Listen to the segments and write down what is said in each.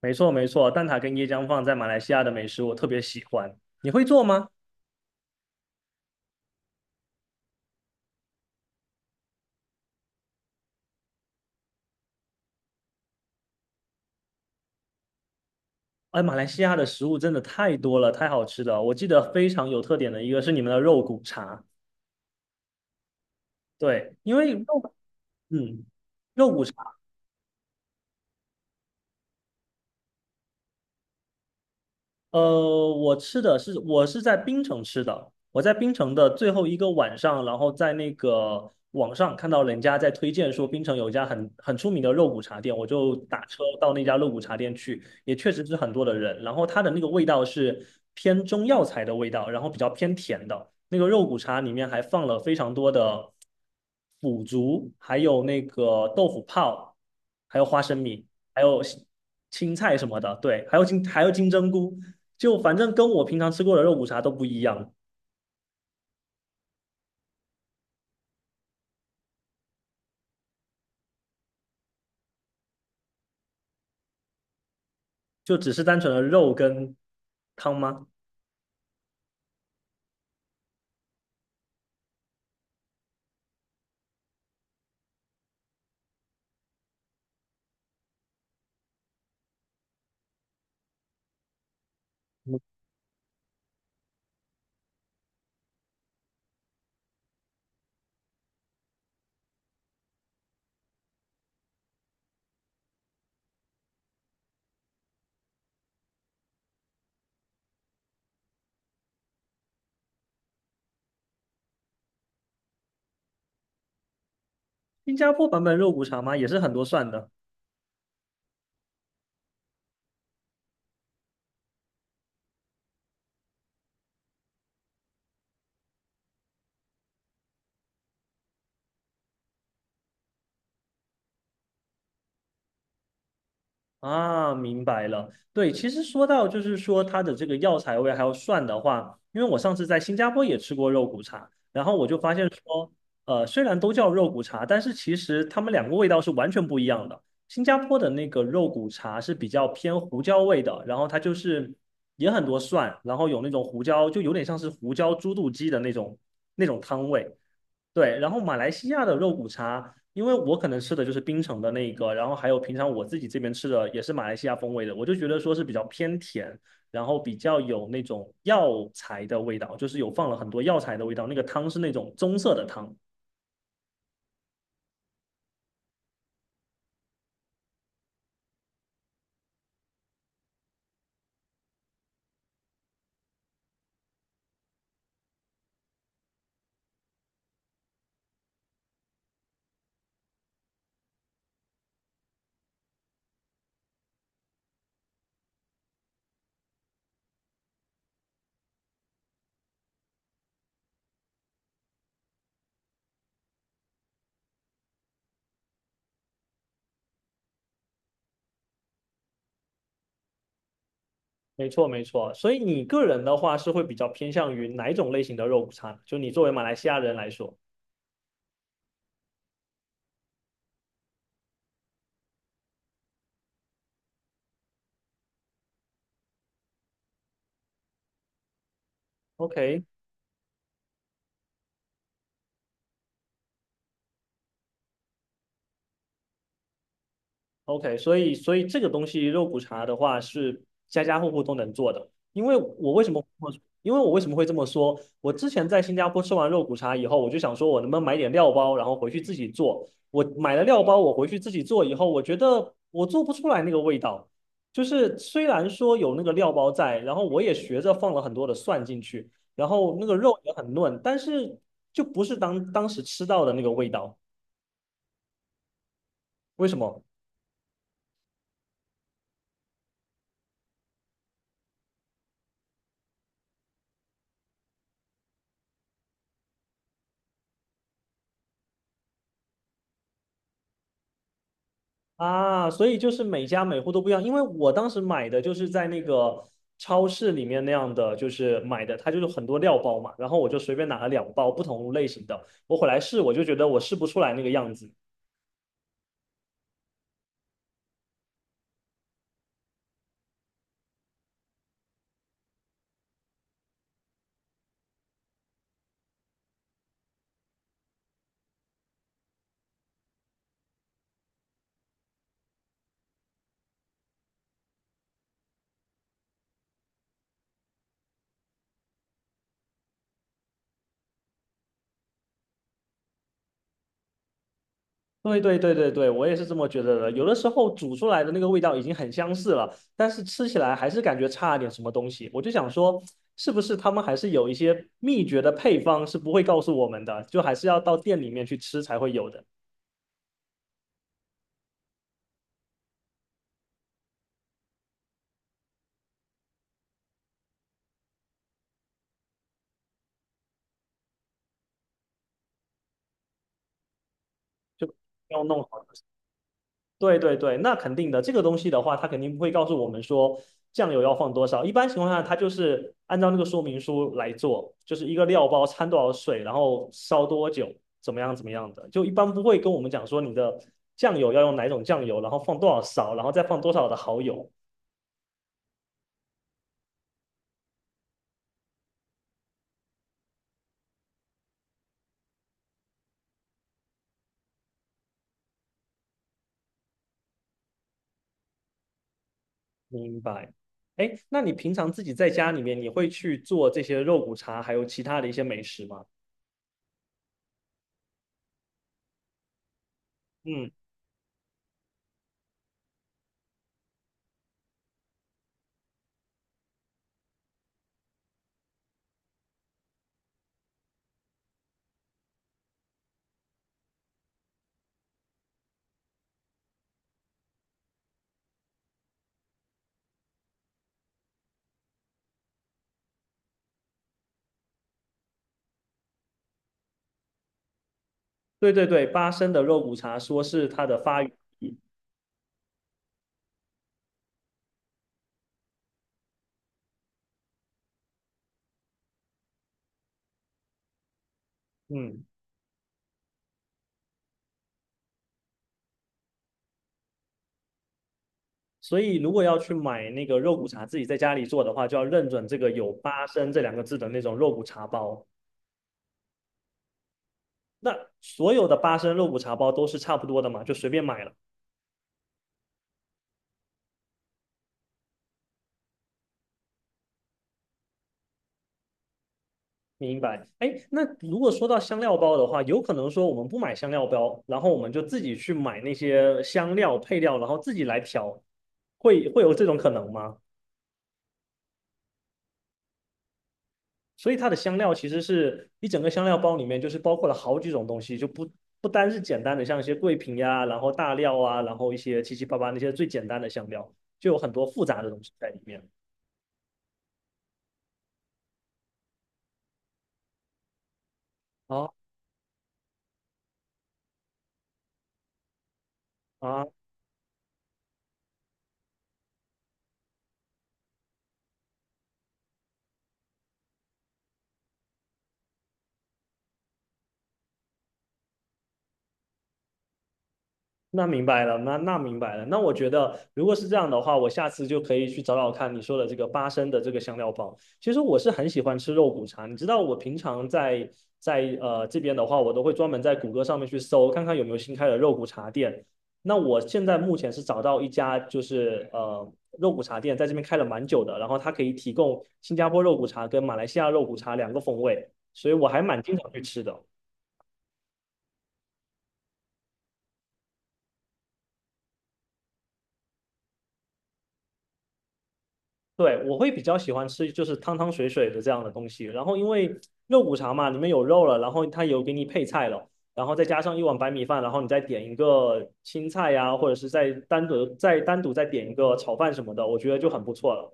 没错没错，蛋挞跟椰浆放在马来西亚的美食我特别喜欢。你会做吗？哎，马来西亚的食物真的太多了，太好吃了。我记得非常有特点的一个是你们的肉骨茶，对，因为肉，嗯，肉骨茶。我吃的是我是在槟城吃的，我在槟城的最后一个晚上，然后在那个网上看到人家在推荐说槟城有一家很出名的肉骨茶店，我就打车到那家肉骨茶店去，也确实是很多的人，然后它的那个味道是偏中药材的味道，然后比较偏甜的，那个肉骨茶里面还放了非常多的腐竹，还有那个豆腐泡，还有花生米，还有青菜什么的，对，还有金针菇。就反正跟我平常吃过的肉骨茶都不一样，就只是单纯的肉跟汤吗？新加坡版本肉骨茶吗？也是很多蒜的。啊，明白了。对，其实说到就是说它的这个药材味还有蒜的话，因为我上次在新加坡也吃过肉骨茶，然后我就发现说，虽然都叫肉骨茶，但是其实它们两个味道是完全不一样的。新加坡的那个肉骨茶是比较偏胡椒味的，然后它就是也很多蒜，然后有那种胡椒，就有点像是胡椒猪肚鸡的那种汤味。对，然后马来西亚的肉骨茶，因为我可能吃的就是槟城的那一个，然后还有平常我自己这边吃的也是马来西亚风味的，我就觉得说是比较偏甜，然后比较有那种药材的味道，就是有放了很多药材的味道，那个汤是那种棕色的汤。没错，没错。所以你个人的话是会比较偏向于哪一种类型的肉骨茶呢？就你作为马来西亚人来说，OK。OK,所以这个东西肉骨茶的话是家家户户都能做的，因为我为什么因为我为什么会这么说？我之前在新加坡吃完肉骨茶以后，我就想说，我能不能买点料包，然后回去自己做。我买了料包，我回去自己做以后，我觉得我做不出来那个味道。就是虽然说有那个料包在，然后我也学着放了很多的蒜进去，然后那个肉也很嫩，但是就不是当时吃到的那个味道。为什么？啊，所以就是每家每户都不一样，因为我当时买的就是在那个超市里面那样的，就是买的，它就是很多料包嘛，然后我就随便拿了两包不同类型的，我回来试，我就觉得我试不出来那个样子。对对对对对，我也是这么觉得的。有的时候煮出来的那个味道已经很相似了，但是吃起来还是感觉差了点什么东西。我就想说，是不是他们还是有一些秘诀的配方是不会告诉我们的，就还是要到店里面去吃才会有的，就要弄好。对对对，那肯定的。这个东西的话，它肯定不会告诉我们说酱油要放多少。一般情况下，它就是按照那个说明书来做，就是一个料包掺多少水，然后烧多久，怎么样怎么样的。就一般不会跟我们讲说你的酱油要用哪种酱油，然后放多少勺，然后再放多少的蚝油。明白。哎，那你平常自己在家里面，你会去做这些肉骨茶，还有其他的一些美食吗？嗯，对对对，八升的肉骨茶说是它的发源。嗯。所以如果要去买那个肉骨茶，自己在家里做的话，就要认准这个有"八升"这两个字的那种肉骨茶包。那所有的八升肉骨茶包都是差不多的嘛，就随便买了。明白。哎，那如果说到香料包的话，有可能说我们不买香料包，然后我们就自己去买那些香料配料，然后自己来调，会有这种可能吗？所以它的香料其实是一整个香料包里面，就是包括了好几种东西，就不单是简单的像一些桂皮呀、啊然后大料啊，然后一些七七八八那些最简单的香料，就有很多复杂的东西在里面。啊啊，那明白了，那明白了。那我觉得，如果是这样的话，我下次就可以去找找看你说的这个八升的这个香料包。其实我是很喜欢吃肉骨茶，你知道，我平常在在这边的话，我都会专门在谷歌上面去搜，看看有没有新开的肉骨茶店。那我现在目前是找到一家，就是肉骨茶店，在这边开了蛮久的，然后它可以提供新加坡肉骨茶跟马来西亚肉骨茶两个风味，所以我还蛮经常去吃的。对，我会比较喜欢吃就是汤汤水水的这样的东西。然后因为肉骨茶嘛，里面有肉了，然后它有给你配菜了，然后再加上一碗白米饭，然后你再点一个青菜呀、或者是再单独再点一个炒饭什么的，我觉得就很不错了。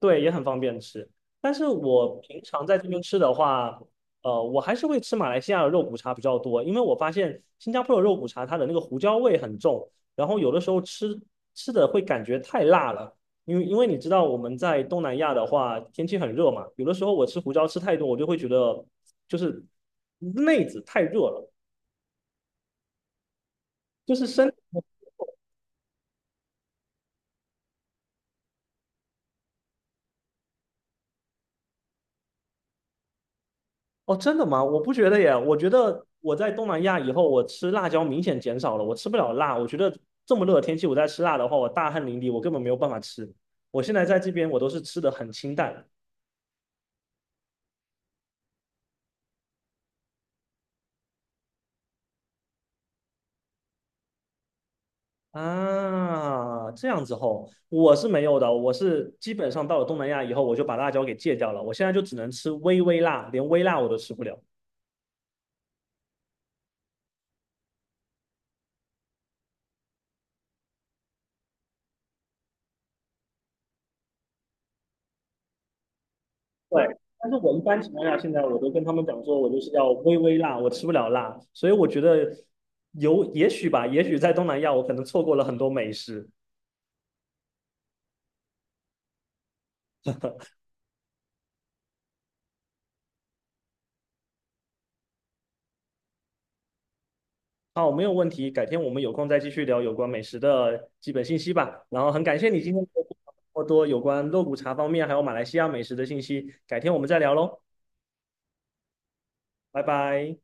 对，也很方便吃。但是我平常在这边吃的话，我还是会吃马来西亚的肉骨茶比较多，因为我发现新加坡的肉骨茶它的那个胡椒味很重，然后有的时候吃的会感觉太辣了，因为你知道我们在东南亚的话天气很热嘛，有的时候我吃胡椒吃太多，我就会觉得就是内子太热了，就是身。哦，真的吗？我不觉得耶，我觉得我在东南亚以后，我吃辣椒明显减少了，我吃不了辣。我觉得这么热的天气，我再吃辣的话，我大汗淋漓，我根本没有办法吃。我现在在这边，我都是吃的很清淡啊，这样子吼，我是没有的，我是基本上到了东南亚以后，我就把辣椒给戒掉了，我现在就只能吃微微辣，连微辣我都吃不了。对，但是我一般情况下，现在我都跟他们讲说，我就是要微微辣，我吃不了辣，所以我觉得有也许吧，也许在东南亚我可能错过了很多美食。好，没有问题，改天我们有空再继续聊有关美食的基本信息吧。然后很感谢你今天给我分享这么多有关肉骨茶方面还有马来西亚美食的信息，改天我们再聊喽，拜拜。